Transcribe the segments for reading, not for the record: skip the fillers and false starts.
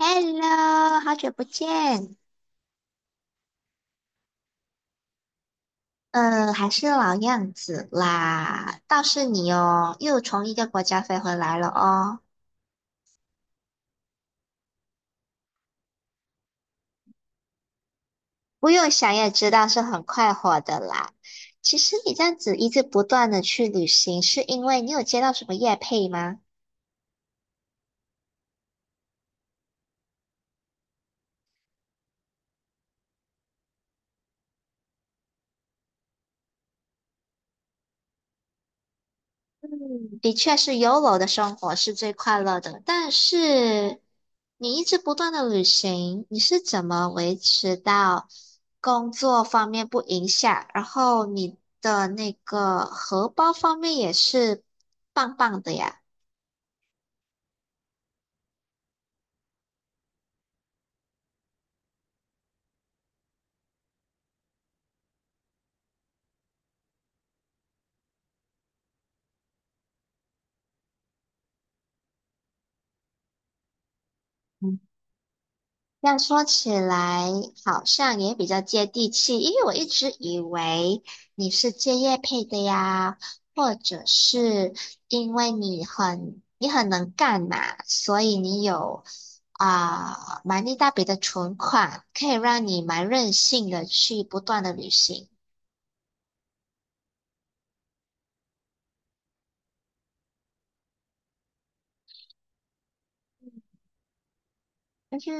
Hello，好久不见，还是老样子啦。倒是你哦，又从一个国家飞回来了哦。不用想也知道是很快活的啦。其实你这样子一直不断的去旅行，是因为你有接到什么业配吗？嗯，的确是 y o o 的生活是最快乐的，但是你一直不断的旅行，你是怎么维持到工作方面不影响，然后你的那个荷包方面也是棒棒的呀？这样说起来，好像也比较接地气，因为我一直以为你是借业配的呀，或者是因为你很能干嘛，所以你有啊、蛮一大笔的存款，可以让你蛮任性的去不断的旅行。嗯，是。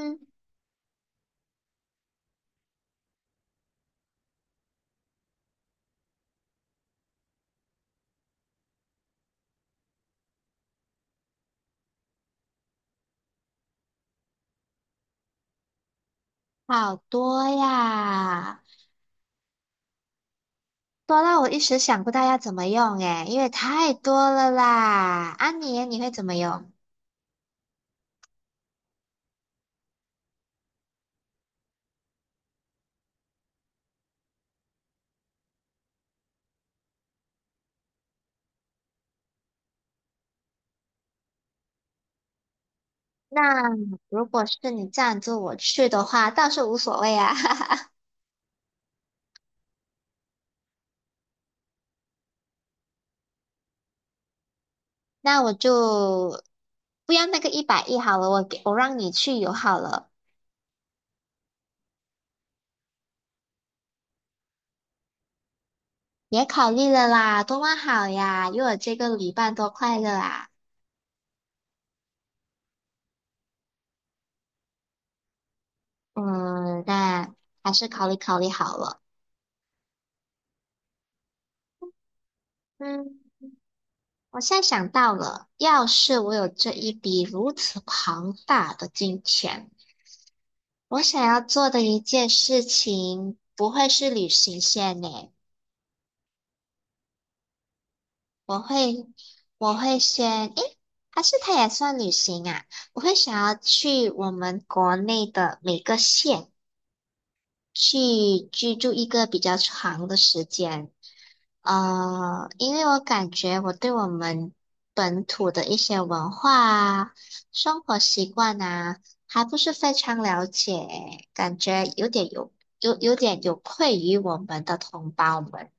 好多呀，多到我一时想不到要怎么用诶，因为太多了啦。安妮，你会怎么用？那如果是你赞助我去的话，倒是无所谓啊。那我就不要那个一百亿好了，我给我让你去游好了。也考虑了啦，多么好呀，有我这个旅伴多快乐啊。嗯，那还是考虑考虑好了。嗯，我现在想到了，要是我有这一笔如此庞大的金钱，我想要做的一件事情不会是旅行线呢。我会，我会先，诶，还是它也算旅行啊？我会想要去我们国内的每个县去居住一个比较长的时间，因为我感觉我对我们本土的一些文化啊、生活习惯啊，还不是非常了解，感觉有点有愧于我们的同胞们。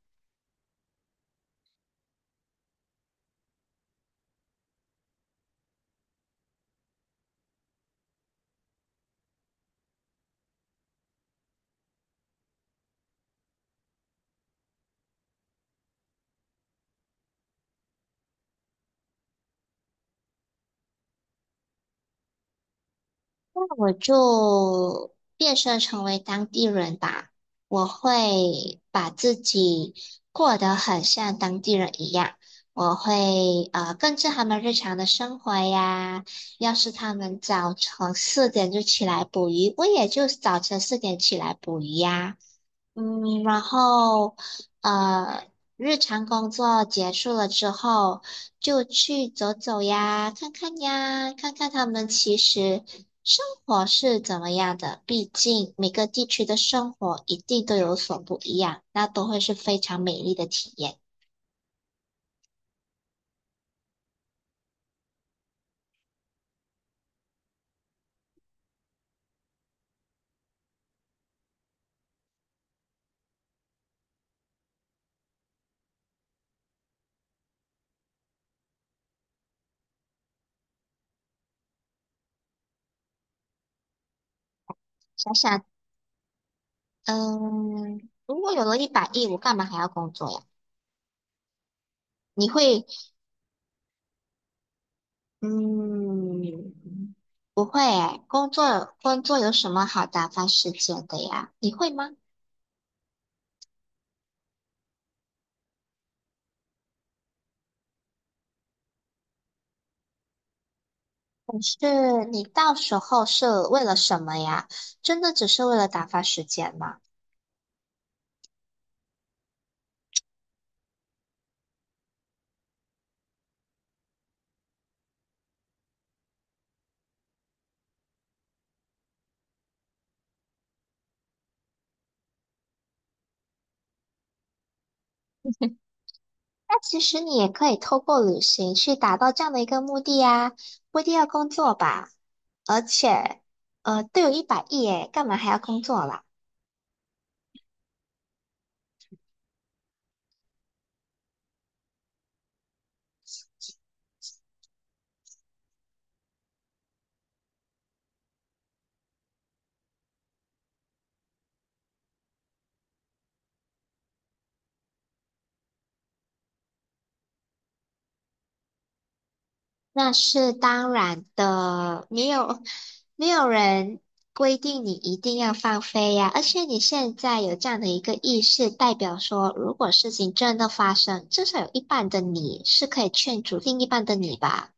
那我就变身成为当地人吧。我会把自己过得很像当地人一样，我会跟着他们日常的生活呀。要是他们早晨四点就起来捕鱼，我也就早晨四点起来捕鱼呀。嗯，然后呃，日常工作结束了之后，就去走走呀，看看呀，看看他们其实生活是怎么样的。毕竟每个地区的生活一定都有所不一样，那都会是非常美丽的体验。想想，嗯，如果有了一百亿，我干嘛还要工作呀？你会。嗯，不会诶，工作有什么好打发时间的呀？你会吗？是你到时候是为了什么呀？真的只是为了打发时间吗？那其实你也可以透过旅行去达到这样的一个目的呀，不一定要工作吧？而且，都有一百亿诶，干嘛还要工作啦？那是当然的，没有人规定你一定要放飞呀。而且你现在有这样的一个意识，代表说，如果事情真的发生，至少有一半的你是可以劝阻另一半的你吧。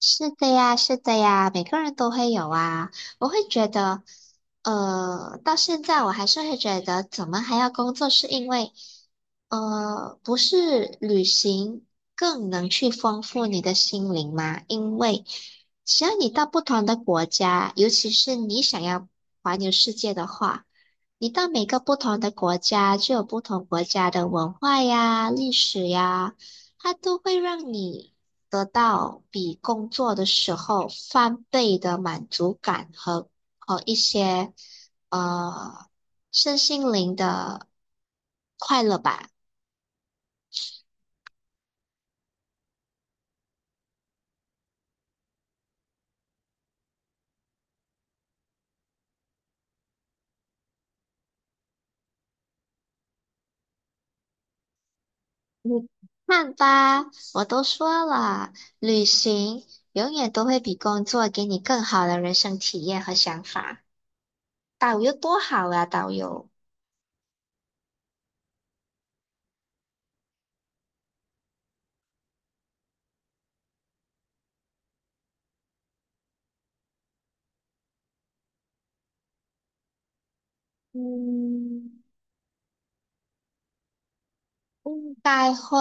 是的呀，是的呀，每个人都会有啊。我会觉得，到现在我还是会觉得，怎么还要工作？是因为，不是旅行更能去丰富你的心灵吗？因为只要你到不同的国家，尤其是你想要环游世界的话，你到每个不同的国家，就有不同国家的文化呀、历史呀。它都会让你得到比工作的时候翻倍的满足感和一些呃身心灵的快乐吧。你看吧，我都说了，旅行永远都会比工作给你更好的人生体验和想法。导游多好啊，导游。嗯，应该会。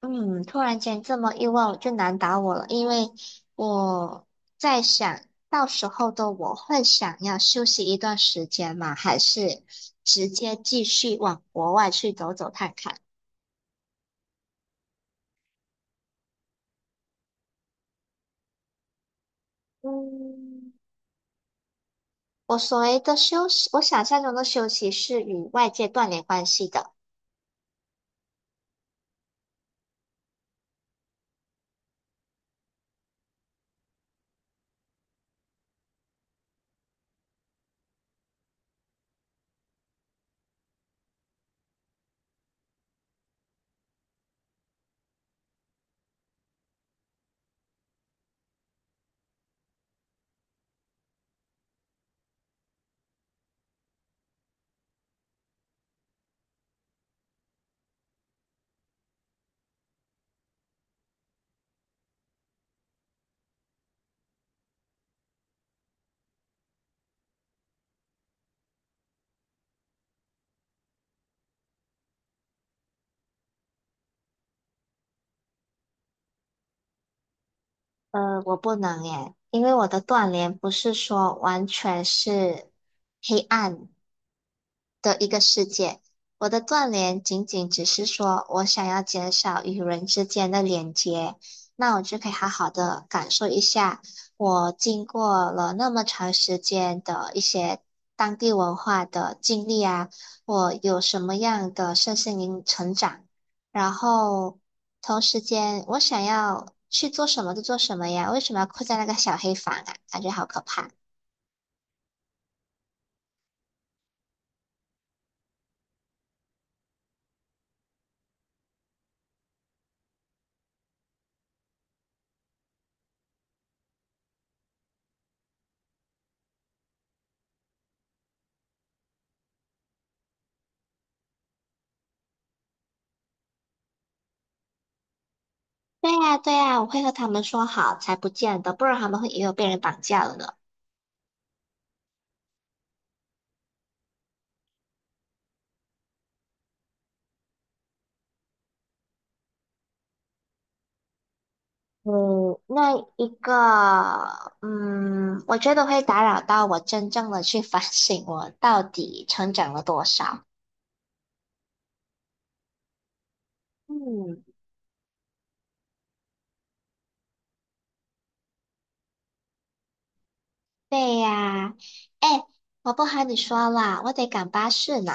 嗯，突然间这么意外，我就难倒我了，因为我在想到时候的我会想要休息一段时间吗？还是直接继续往国外去走走看看？嗯，我所谓的休息，我想象中的休息是与外界断联关系的。我不能耶，因为我的断联不是说完全是。黑暗，的一个世界。我的断联仅仅只是说我想要减少与人之间的连接，那我就可以好好的感受一下我经过了那么长时间的一些当地文化的经历啊，我有什么样的身心灵成长，然后同时间我想要去做什么就做什么呀，为什么要困在那个小黑房啊？感觉好可怕。对呀，对呀，我会和他们说好，才不见得，不然他们会以为我被人绑架了呢。嗯，那一个，嗯，我觉得会打扰到我真正的去反省我到底成长了多少。嗯，对呀，哎，我不和你说了，我得赶巴士呢。